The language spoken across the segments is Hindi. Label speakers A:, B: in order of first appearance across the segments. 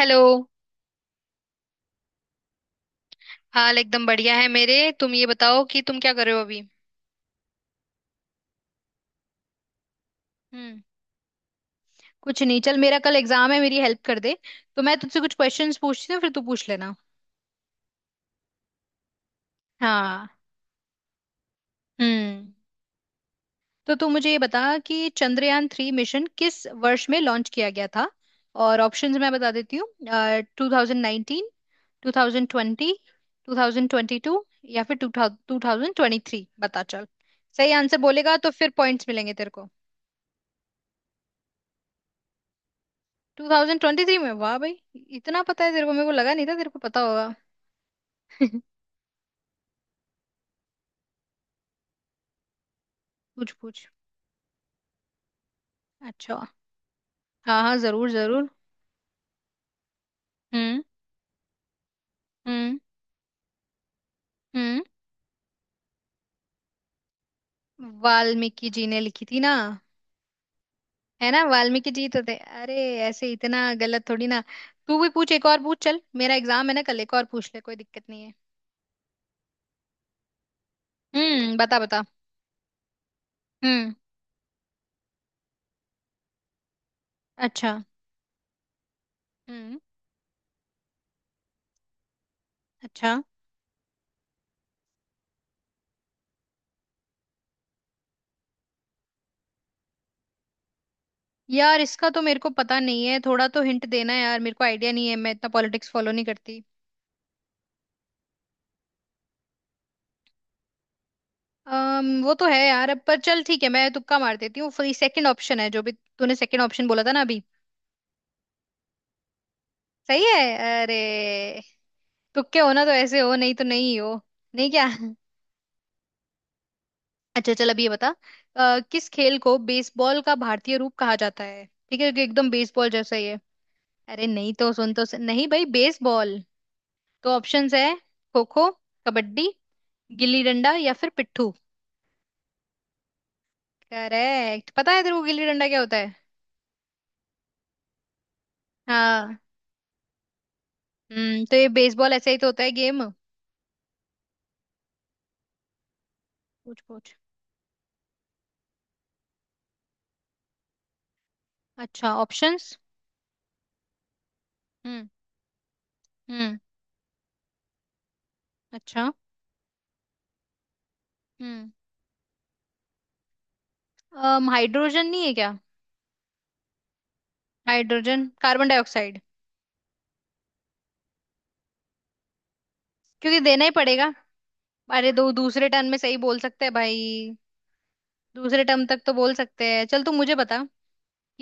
A: हेलो। हाल एकदम बढ़िया है मेरे। तुम ये बताओ कि तुम क्या कर रहे हो अभी। हम्म। कुछ नहीं, चल मेरा कल एग्जाम है, मेरी हेल्प कर दे। तो मैं तुझसे कुछ क्वेश्चंस पूछती हूँ, फिर तू पूछ लेना। हाँ। हम्म। तो तू मुझे ये बता कि चंद्रयान 3 मिशन किस वर्ष में लॉन्च किया गया था। और ऑप्शंस मैं बता देती हूँ। 2019, 2020, टू थाउजेंड ट्वेंटी टू, या फिर 2023। बता चल। सही आंसर बोलेगा तो फिर पॉइंट्स मिलेंगे तेरे को। 2023 में, वाह भाई। इतना पता है तेरे को, मेरे को लगा नहीं था तेरे को पता होगा। पूछ पूछ। अच्छा। हाँ हाँ, जरूर जरूर। हम्म। हम्म। हम्म। वाल्मीकि जी ने लिखी थी ना। है ना, वाल्मीकि जी तो थे। अरे ऐसे इतना गलत थोड़ी ना। तू भी पूछ, एक और पूछ। चल मेरा एग्जाम है ना कल, एक और पूछ ले, कोई दिक्कत नहीं है। हम्म, बता बता। हम्म। अच्छा। हम्म। अच्छा। यार इसका तो मेरे को पता नहीं है। थोड़ा तो हिंट देना यार, मेरे को आइडिया नहीं है, मैं इतना पॉलिटिक्स फॉलो नहीं करती। वो तो है यार, अब पर चल ठीक है, मैं तुक्का मार देती हूँ, फ्री सेकंड ऑप्शन है जो भी। तूने सेकंड ऑप्शन बोला था ना अभी। सही है। अरे तुक्के हो ना तो ऐसे हो, नहीं तो नहीं हो। नहीं क्या। अच्छा चल, अब ये बता। किस खेल को बेसबॉल का भारतीय रूप कहा जाता है। ठीक है कि एकदम बेसबॉल जैसा ही है। अरे नहीं, तो सुन, नहीं भाई बेसबॉल। तो ऑप्शंस है: खो खो, कबड्डी, गिल्ली डंडा या फिर पिट्ठू। करेक्ट। पता है तेरे को गिल्ली डंडा क्या होता है? हाँ। हम्म, तो ये बेसबॉल ऐसा ही तो होता है गेम। पूछ पूछ। अच्छा, ऑप्शंस। हम्म। हम्म। अच्छा। हम्म। अम हाइड्रोजन नहीं है क्या? Hydrogen, carbon dioxide. क्योंकि देना ही पड़ेगा। अरे दो, दूसरे टर्म में सही बोल सकते हैं भाई। दूसरे टर्म तक तो बोल सकते हैं। चल तू मुझे बता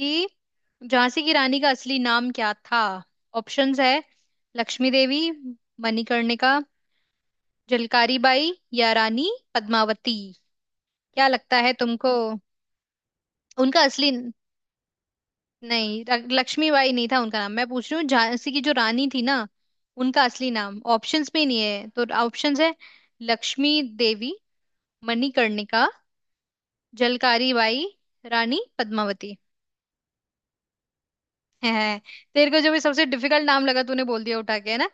A: कि झांसी की रानी का असली नाम क्या था। ऑप्शंस है: लक्ष्मी देवी, मणिकर्णिका, झलकारी बाई, या रानी पद्मावती। क्या लगता है तुमको? उनका असली। नहीं, लक्ष्मीबाई नहीं था उनका नाम। मैं पूछ रही हूँ झांसी की जो रानी थी ना, उनका असली नाम, ऑप्शंस में नहीं है तो। ऑप्शंस है: लक्ष्मी देवी, मणिकर्णिका, जलकारी बाई, रानी पद्मावती। है, तेरे को जो भी सबसे डिफिकल्ट नाम लगा तूने बोल दिया उठा के, है ना।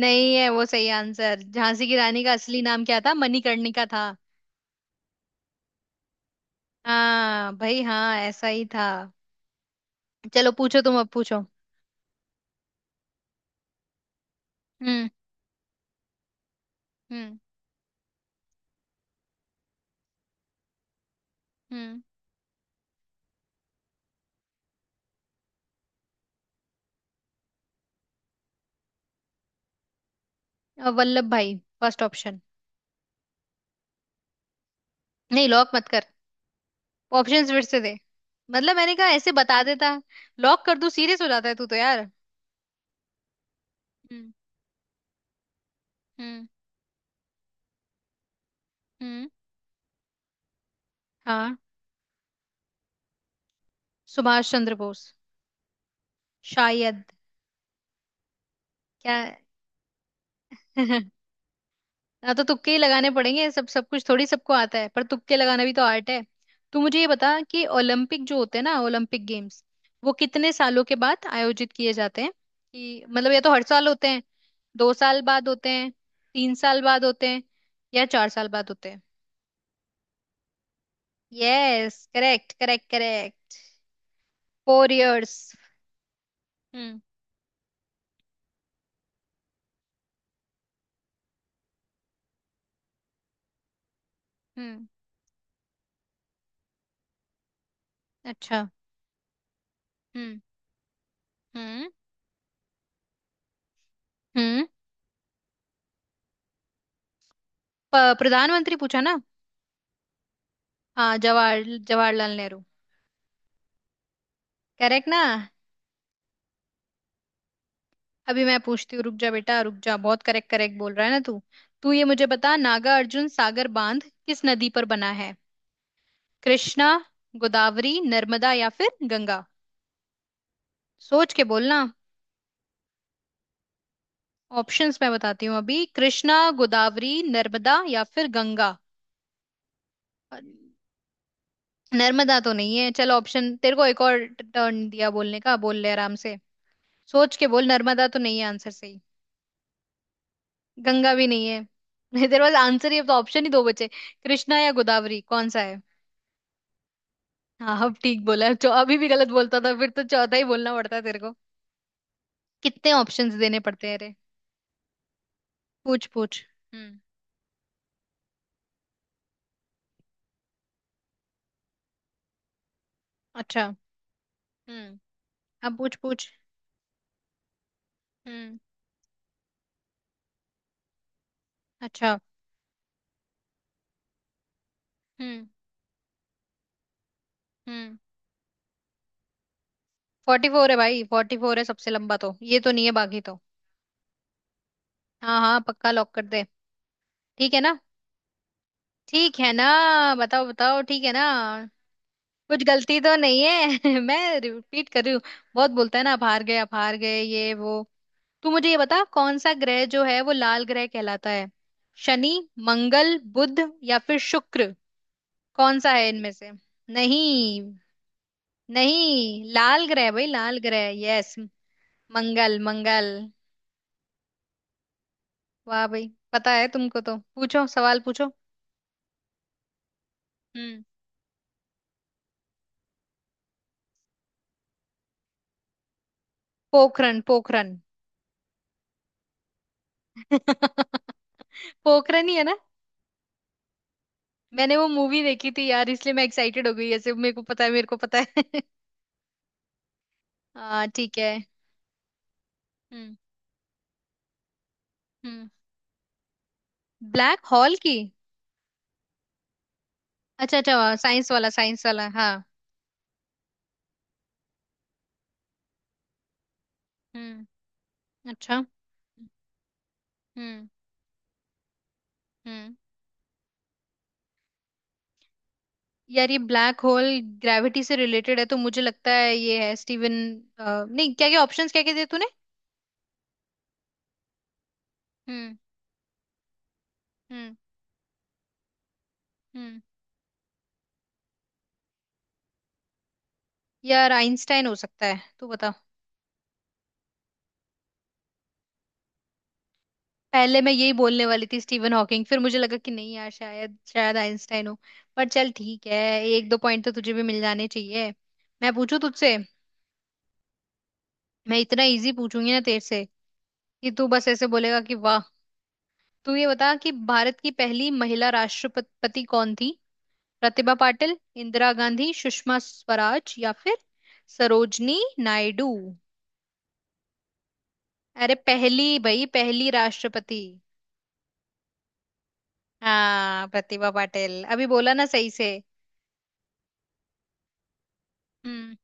A: नहीं है वो सही आंसर। झांसी की रानी का असली नाम क्या था, मणिकर्णिका था। हाँ भाई हाँ, ऐसा ही था। चलो पूछो तुम, अब पूछो। हम्म। हम्म। हम्म। Vallabh Bhai, first option. नहीं, लॉक मत कर। ऑप्शंस फिर से दे। मतलब मैंने कहा ऐसे बता देता, लॉक कर दूं, सीरियस हो जाता है तू तो यार। हम्म। हम्म। हम्म। हाँ, सुभाष चंद्र बोस, शायद। क्या। ना तो तुक्के ही लगाने पड़ेंगे, सब सब कुछ थोड़ी सबको आता है, पर तुक्के लगाना भी तो आर्ट है। तू मुझे ये बता कि ओलंपिक जो होते हैं ना, ओलंपिक गेम्स, वो कितने सालों के बाद आयोजित किए जाते हैं। कि मतलब, या तो हर साल होते हैं, दो साल बाद होते हैं, तीन साल बाद होते हैं, या चार साल बाद होते हैं। Yes, correct correct correct. 4 years. हम्म। हम्म। अच्छा। हम्म। हम्म। हम्म। प्रधानमंत्री पूछा ना? हाँ, जवाहरलाल नेहरू। करेक्ट ना? अभी मैं पूछती हूँ, रुक जा बेटा रुक जा, बहुत करेक्ट करेक्ट बोल रहा है ना तू। तू ये मुझे बता, नागा अर्जुन सागर बांध किस नदी पर बना है? कृष्णा, गोदावरी, नर्मदा या फिर गंगा? सोच के बोलना। ऑप्शंस मैं बताती हूँ अभी: कृष्णा, गोदावरी, नर्मदा या फिर गंगा। नर्मदा तो नहीं है। चल ऑप्शन तेरे को एक और टर्न दिया बोलने का, बोल ले आराम से, सोच के बोल। नर्मदा तो नहीं है आंसर सही। गंगा भी नहीं है। नहीं तेरे पास आंसर ही। अब तो ऑप्शन ही दो बचे, कृष्णा या गोदावरी, कौन सा है? हाँ, अब ठीक बोला। जो अभी भी गलत बोलता था, फिर तो चौथा ही बोलना पड़ता है तेरे को। कितने ऑप्शंस देने पड़ते हैं रे। पूछ पूछ। हम्म। अच्छा। हम्म। अब पूछ पूछ। हम्म। अच्छा। हम्म। हम्म। 44 है भाई, 44 है सबसे लंबा तो, ये तो नहीं है बाकी तो। हाँ हाँ, पक्का, लॉक कर दे। ठीक है ना? ठीक है ना? बताओ बताओ, ठीक है ना? कुछ गलती तो नहीं है। मैं रिपीट कर रही हूँ। बहुत बोलता है ना आप, हार गए आप हार गए ये वो। तू मुझे ये बता, कौन सा ग्रह जो है वो लाल ग्रह कहलाता है? शनि, मंगल, बुध या फिर शुक्र? कौन सा है इनमें से? नहीं। नहीं, लाल ग्रह भाई, लाल ग्रह। यस। मंगल मंगल। वाह भाई, पता है तुमको, तो पूछो सवाल, पूछो। हम्म। पोखरन पोखरन। पोखरन ही है। मैंने वो मूवी देखी थी यार, इसलिए मैं एक्साइटेड हो गई ऐसे, मेरे को पता है, मेरे को पता है। हाँ ठीक है। हम्म। हम्म। ब्लैक हॉल की? अच्छा अच्छा, साइंस वाला साइंस वाला, हाँ। हम्म। अच्छा। हम्म। हम्म। यार ये ब्लैक होल ग्रेविटी से रिलेटेड है, तो मुझे लगता है ये है स्टीवन। नहीं, क्या क्या ऑप्शंस क्या क्या दिए तूने? हम्म। हम्म। हम्म। यार आइंस्टाइन हो सकता है, तू बता। पहले मैं यही बोलने वाली थी, स्टीवन हॉकिंग, फिर मुझे लगा कि नहीं यार, शायद शायद आइंस्टाइन हो। पर चल ठीक है। एक दो पॉइंट तो तुझे भी मिल जाने चाहिए। मैं पूछू तुझसे। मैं इतना इजी पूछूंगी ना तेरे से कि तू बस ऐसे बोलेगा कि वाह। तू ये बता कि भारत की पहली महिला राष्ट्रपति कौन थी? प्रतिभा पाटिल, इंदिरा गांधी, सुषमा स्वराज या फिर सरोजनी नायडू? अरे पहली भाई, पहली राष्ट्रपति। हाँ, प्रतिभा पाटिल, अभी बोला ना सही से। हम्म।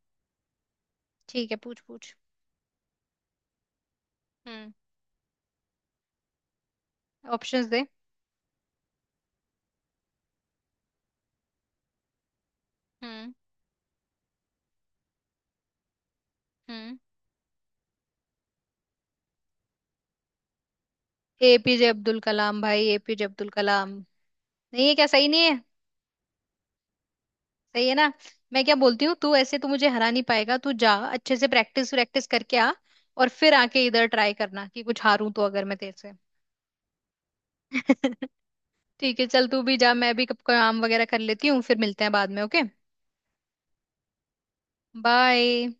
A: ठीक है, पूछ पूछ। हम्म। ऑप्शंस दे। हम्म। हम्म। APJ अब्दुल कलाम भाई, APJ अब्दुल कलाम। नहीं है क्या? सही नहीं है? सही है ना। मैं क्या बोलती हूँ, तू ऐसे तो मुझे हरा नहीं पाएगा। तू जा, अच्छे से प्रैक्टिस प्रैक्टिस करके आ, और फिर आके इधर ट्राई करना, कि कुछ हारूं तो अगर मैं तेरे से। ठीक है चल, तू भी जा, मैं भी कब काम वगैरह कर लेती हूँ, फिर मिलते हैं बाद में, ओके। बाय।